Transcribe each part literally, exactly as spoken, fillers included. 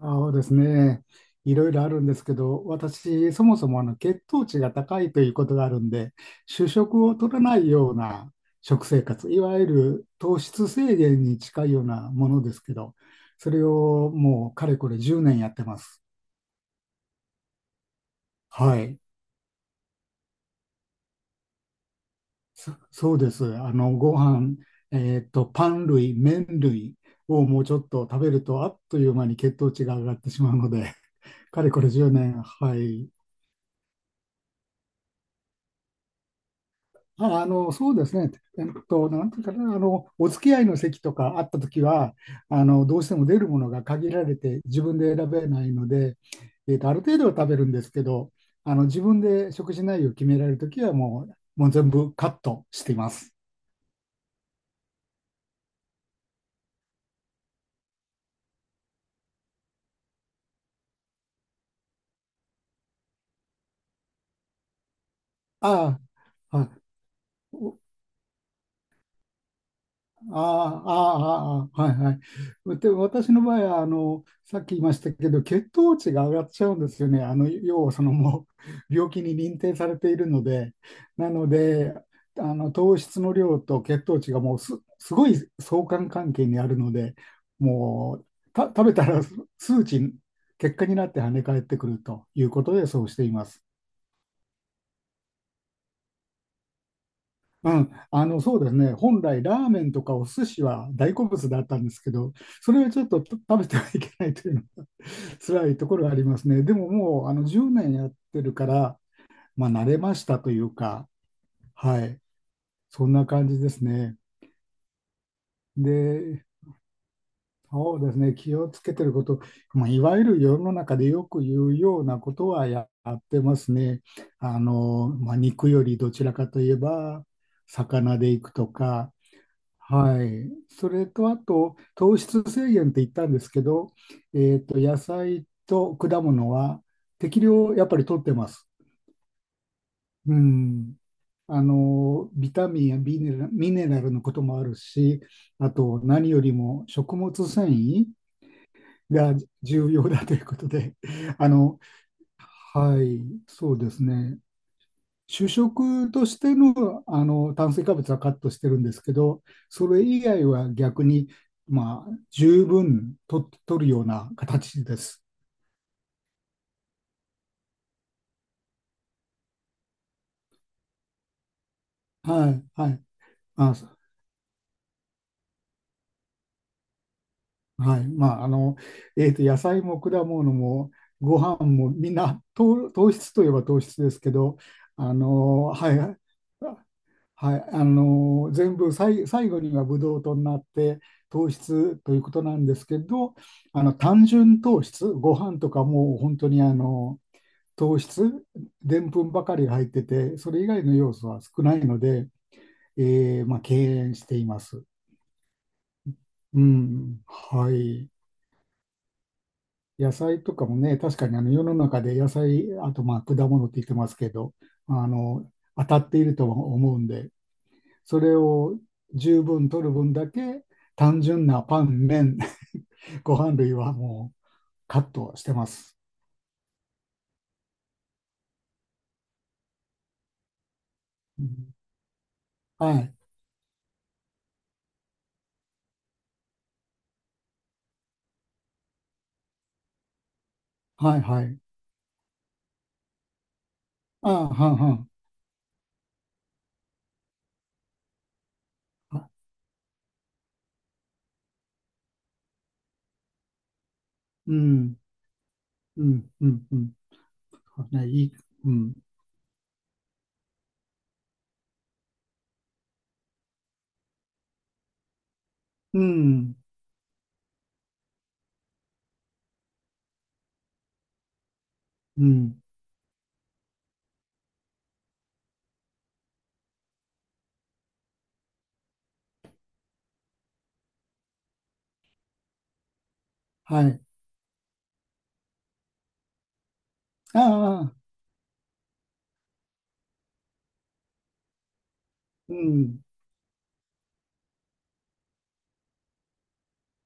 そうですね。いろいろあるんですけど、私、そもそもあの血糖値が高いということがあるんで、主食を取らないような食生活、いわゆる糖質制限に近いようなものですけど、それをもうかれこれじゅうねんやってます。はい。そ、そうです。あの、ご飯、えっと、パン類、麺類をもうちょっと食べると、あっという間に血糖値が上がってしまうので、かれこれじゅうねん、はい、あ、あの、そうですね。えっと、なんていうかな、あの、お付き合いの席とかあったときは、あの、どうしても出るものが限られて、自分で選べないので、えっと、ある程度は食べるんですけど、あの、自分で食事内容を決められるときは、もう、もう全部カットしています。ああ、はい。ああ、ああ、ああ、はいはい。で、私の場合は、あの、さっき言いましたけど、血糖値が上がっちゃうんですよね。あの、要はそのもう、病気に認定されているので、なので、あの、糖質の量と血糖値がもうす、すごい相関関係にあるので、もう、た、食べたら数値、結果になって跳ね返ってくるということで、そうしています。うん、あのそうですね、本来、ラーメンとかお寿司は大好物だったんですけど、それはちょっとと食べてはいけないというの、辛いところがありますね。でももうあのじゅうねんやってるから、まあ、慣れましたというか、はい、そんな感じですね。で、そうですね、気をつけてること、まあ、いわゆる世の中でよく言うようなことはやってますね。あの、まあ、肉よりどちらかといえば、魚でいくとか、はい。それと、あと、糖質制限って言ったんですけど、えっと、野菜と果物は適量やっぱり取ってます。うん。あの、ビタミンやミネラ、ミネラルのこともあるし、あと、何よりも食物繊維が重要だということで、あの、はい、そうですね。主食としての、あの炭水化物はカットしてるんですけど、それ以外は逆に、まあ、十分と取るような形です。はい、はい、あ、そはい、まあ、あの、えーと、野菜も果物もご飯もみんな糖、糖質といえば糖質ですけど、あの、はい、はい、あのー全部さい最後にはブドウ糖になって糖質ということなんですけど、あの単純糖質、ご飯とかもう本当にあの糖質、でんぷんばかりが入っててそれ以外の要素は少ないので、えーまあ、敬遠しています。うん、はい、野菜とかもね、確かにあの世の中で野菜、あとまあ果物って言ってますけど、あの当たっているとは思うんで。それを十分取る分だけ、単純なパン、麺、ご飯類はもうカットしてます。うん、はい、はい、はい。ああ、はんはん。あ、うん、うん、うん、うん。ね、いい、うん、うん、うん。はい。ああ、うん、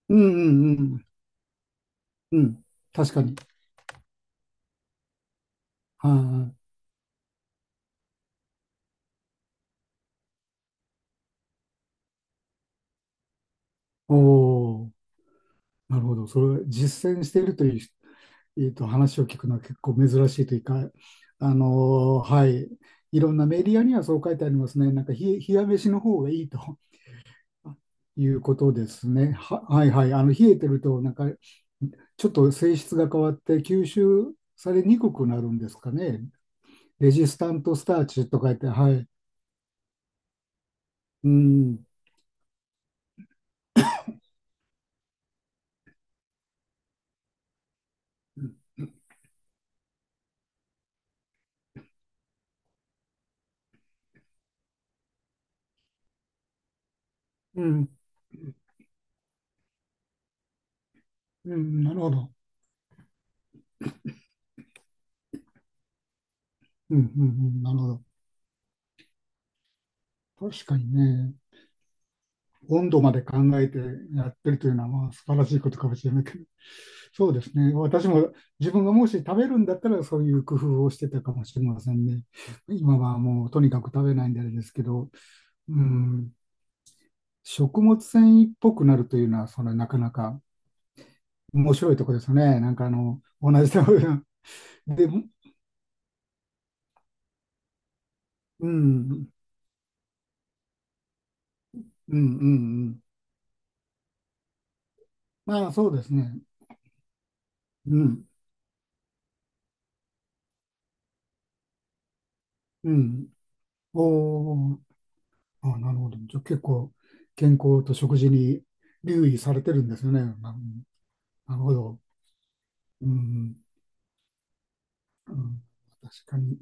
うん、うん、うん。うん、確かに。はい。お。お、なるほど。それ、実践しているという、えっと、話を聞くのは結構珍しいというか、あのーはい、いろんなメディアにはそう書いてありますね。なんか、ひ、冷や飯の方がいいと いうことですね。は、はいはい。あの冷えてると、なんかちょっと性質が変わって吸収されにくくなるんですかね。レジスタントスターチと書いて、はい。うん、うん、うん、なるほど。うん、うん、うん、なるほど。確かにね。温度まで考えてやってるというのはまあ素晴らしいことかもしれないけど、そうですね。私も自分がもし食べるんだったらそういう工夫をしてたかもしれませんね。今はもうとにかく食べないんであれですけど、うん、食物繊維っぽくなるというのは、そのなかなか面白いところですね。なんかあの、同じ食べ物で、うん、うん、うん、うん。まあそうですね。うん、うん。おー、あ、なるほど。じゃあ結構健康と食事に留意されてるんですよね。な、なるほど。うん。うん、確かに。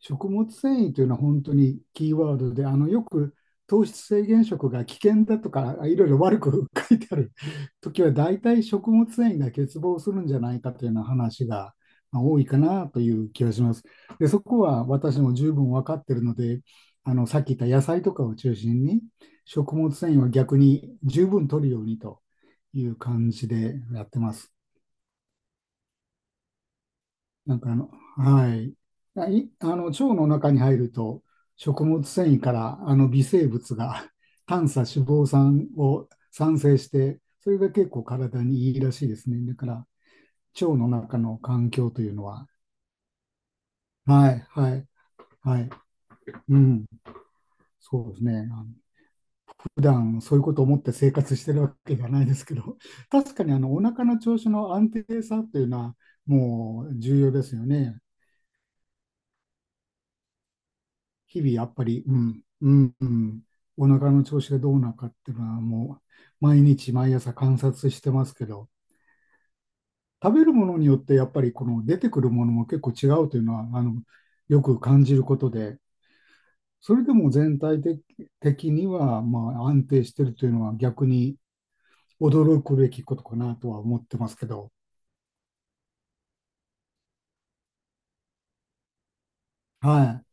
食物繊維というのは本当にキーワードで、あのよく糖質制限食が危険だとか、いろいろ悪く 書いてある時は、大体食物繊維が欠乏するんじゃないかというような話がまあ多いかなという気がします。で、そこは私も十分分かっているので、あのさっき言った野菜とかを中心に、食物繊維は逆に十分取るようにという感じでやってます。なんかあの、はい。あい、あの、腸の中に入ると、食物繊維からあの微生物が 短鎖脂肪酸を産生して、それが結構体にいいらしいですね。だから、腸の中の環境というのは、はい、はい、はい、うん、そうですね。あの普段そういうことを思って生活してるわけじゃないですけど、確かにあのお腹の調子の安定さというのは、もう重要ですよね。日々やっぱり、うん、うん、うん、お腹の調子がどうなのかっていうのはもう毎日毎朝観察してますけど、食べるものによってやっぱりこの出てくるものも結構違うというのは、あの、よく感じることで、それでも全体的的にはまあ安定してるというのは逆に驚くべきことかなとは思ってますけど、は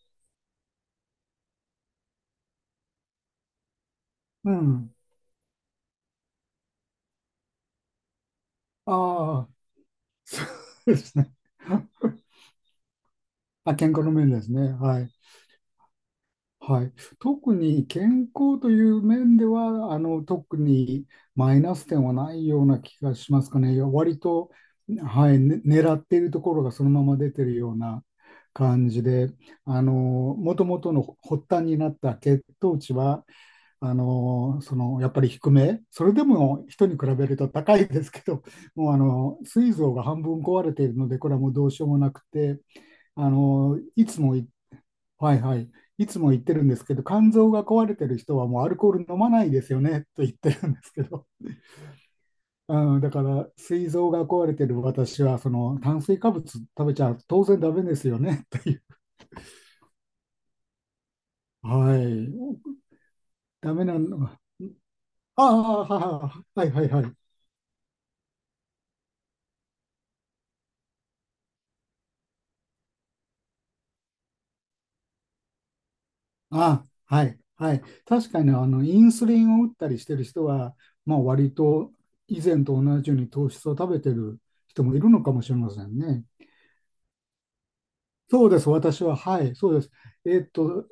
い。うん。ああ、そうですね。あ、健康の面ですね。はい。はい、特に健康という面ではあの特にマイナス点はないような気がしますかね。割と、はい、ね、狙っているところがそのまま出てるような感じで、あの元々の発端になった血糖値はあのそのやっぱり低め、それでも人に比べると高いですけど、もうあの膵臓が半分壊れているので、これはもうどうしようもなくて、あのいつもはいはい。いつも言ってるんですけど、肝臓が壊れてる人はもうアルコール飲まないですよねと言ってるんですけど、うん、だから、膵臓が壊れてる私は、その炭水化物食べちゃ当然ダメですよねという。はい。ダメなのが。ああ、は、はいはいはい。ああ、はいはい。確かに、あの、インスリンを打ったりしてる人は、まあ、割と以前と同じように糖質を食べてる人もいるのかもしれませんね。そうです、私は。はい、そうです。えっと、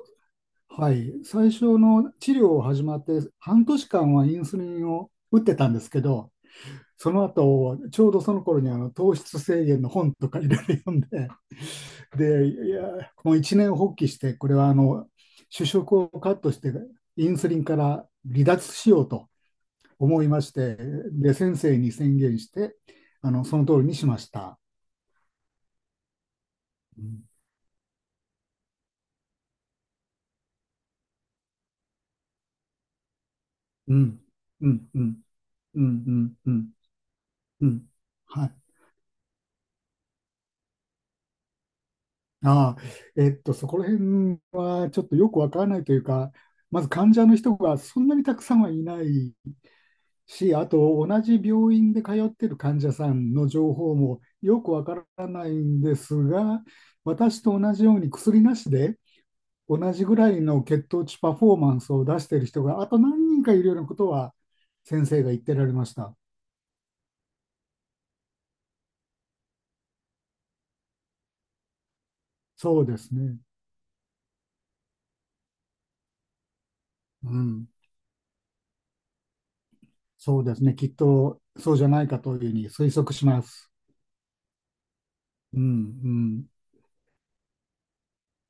はい、最初の治療を始まってはんとしかんはインスリンを打ってたんですけど、その後、ちょうどその頃にあの糖質制限の本とかいろいろ読んで、で、いや、もう一年発起して、これはあの主食をカットして、インスリンから離脱しようと思いまして、で、先生に宣言して、あのその通りにしました。うん、うん、うん、うん、うん、うん、うん、うん、うん。ああ、えっと、そこら辺はちょっとよくわからないというか、まず患者の人がそんなにたくさんはいないし、あと同じ病院で通っている患者さんの情報もよくわからないんですが、私と同じように薬なしで同じぐらいの血糖値パフォーマンスを出している人があと何人かいるようなことは先生が言ってられました。そうですね。うん。そうですね。きっとそうじゃないかというふうに推測します。うん、うん。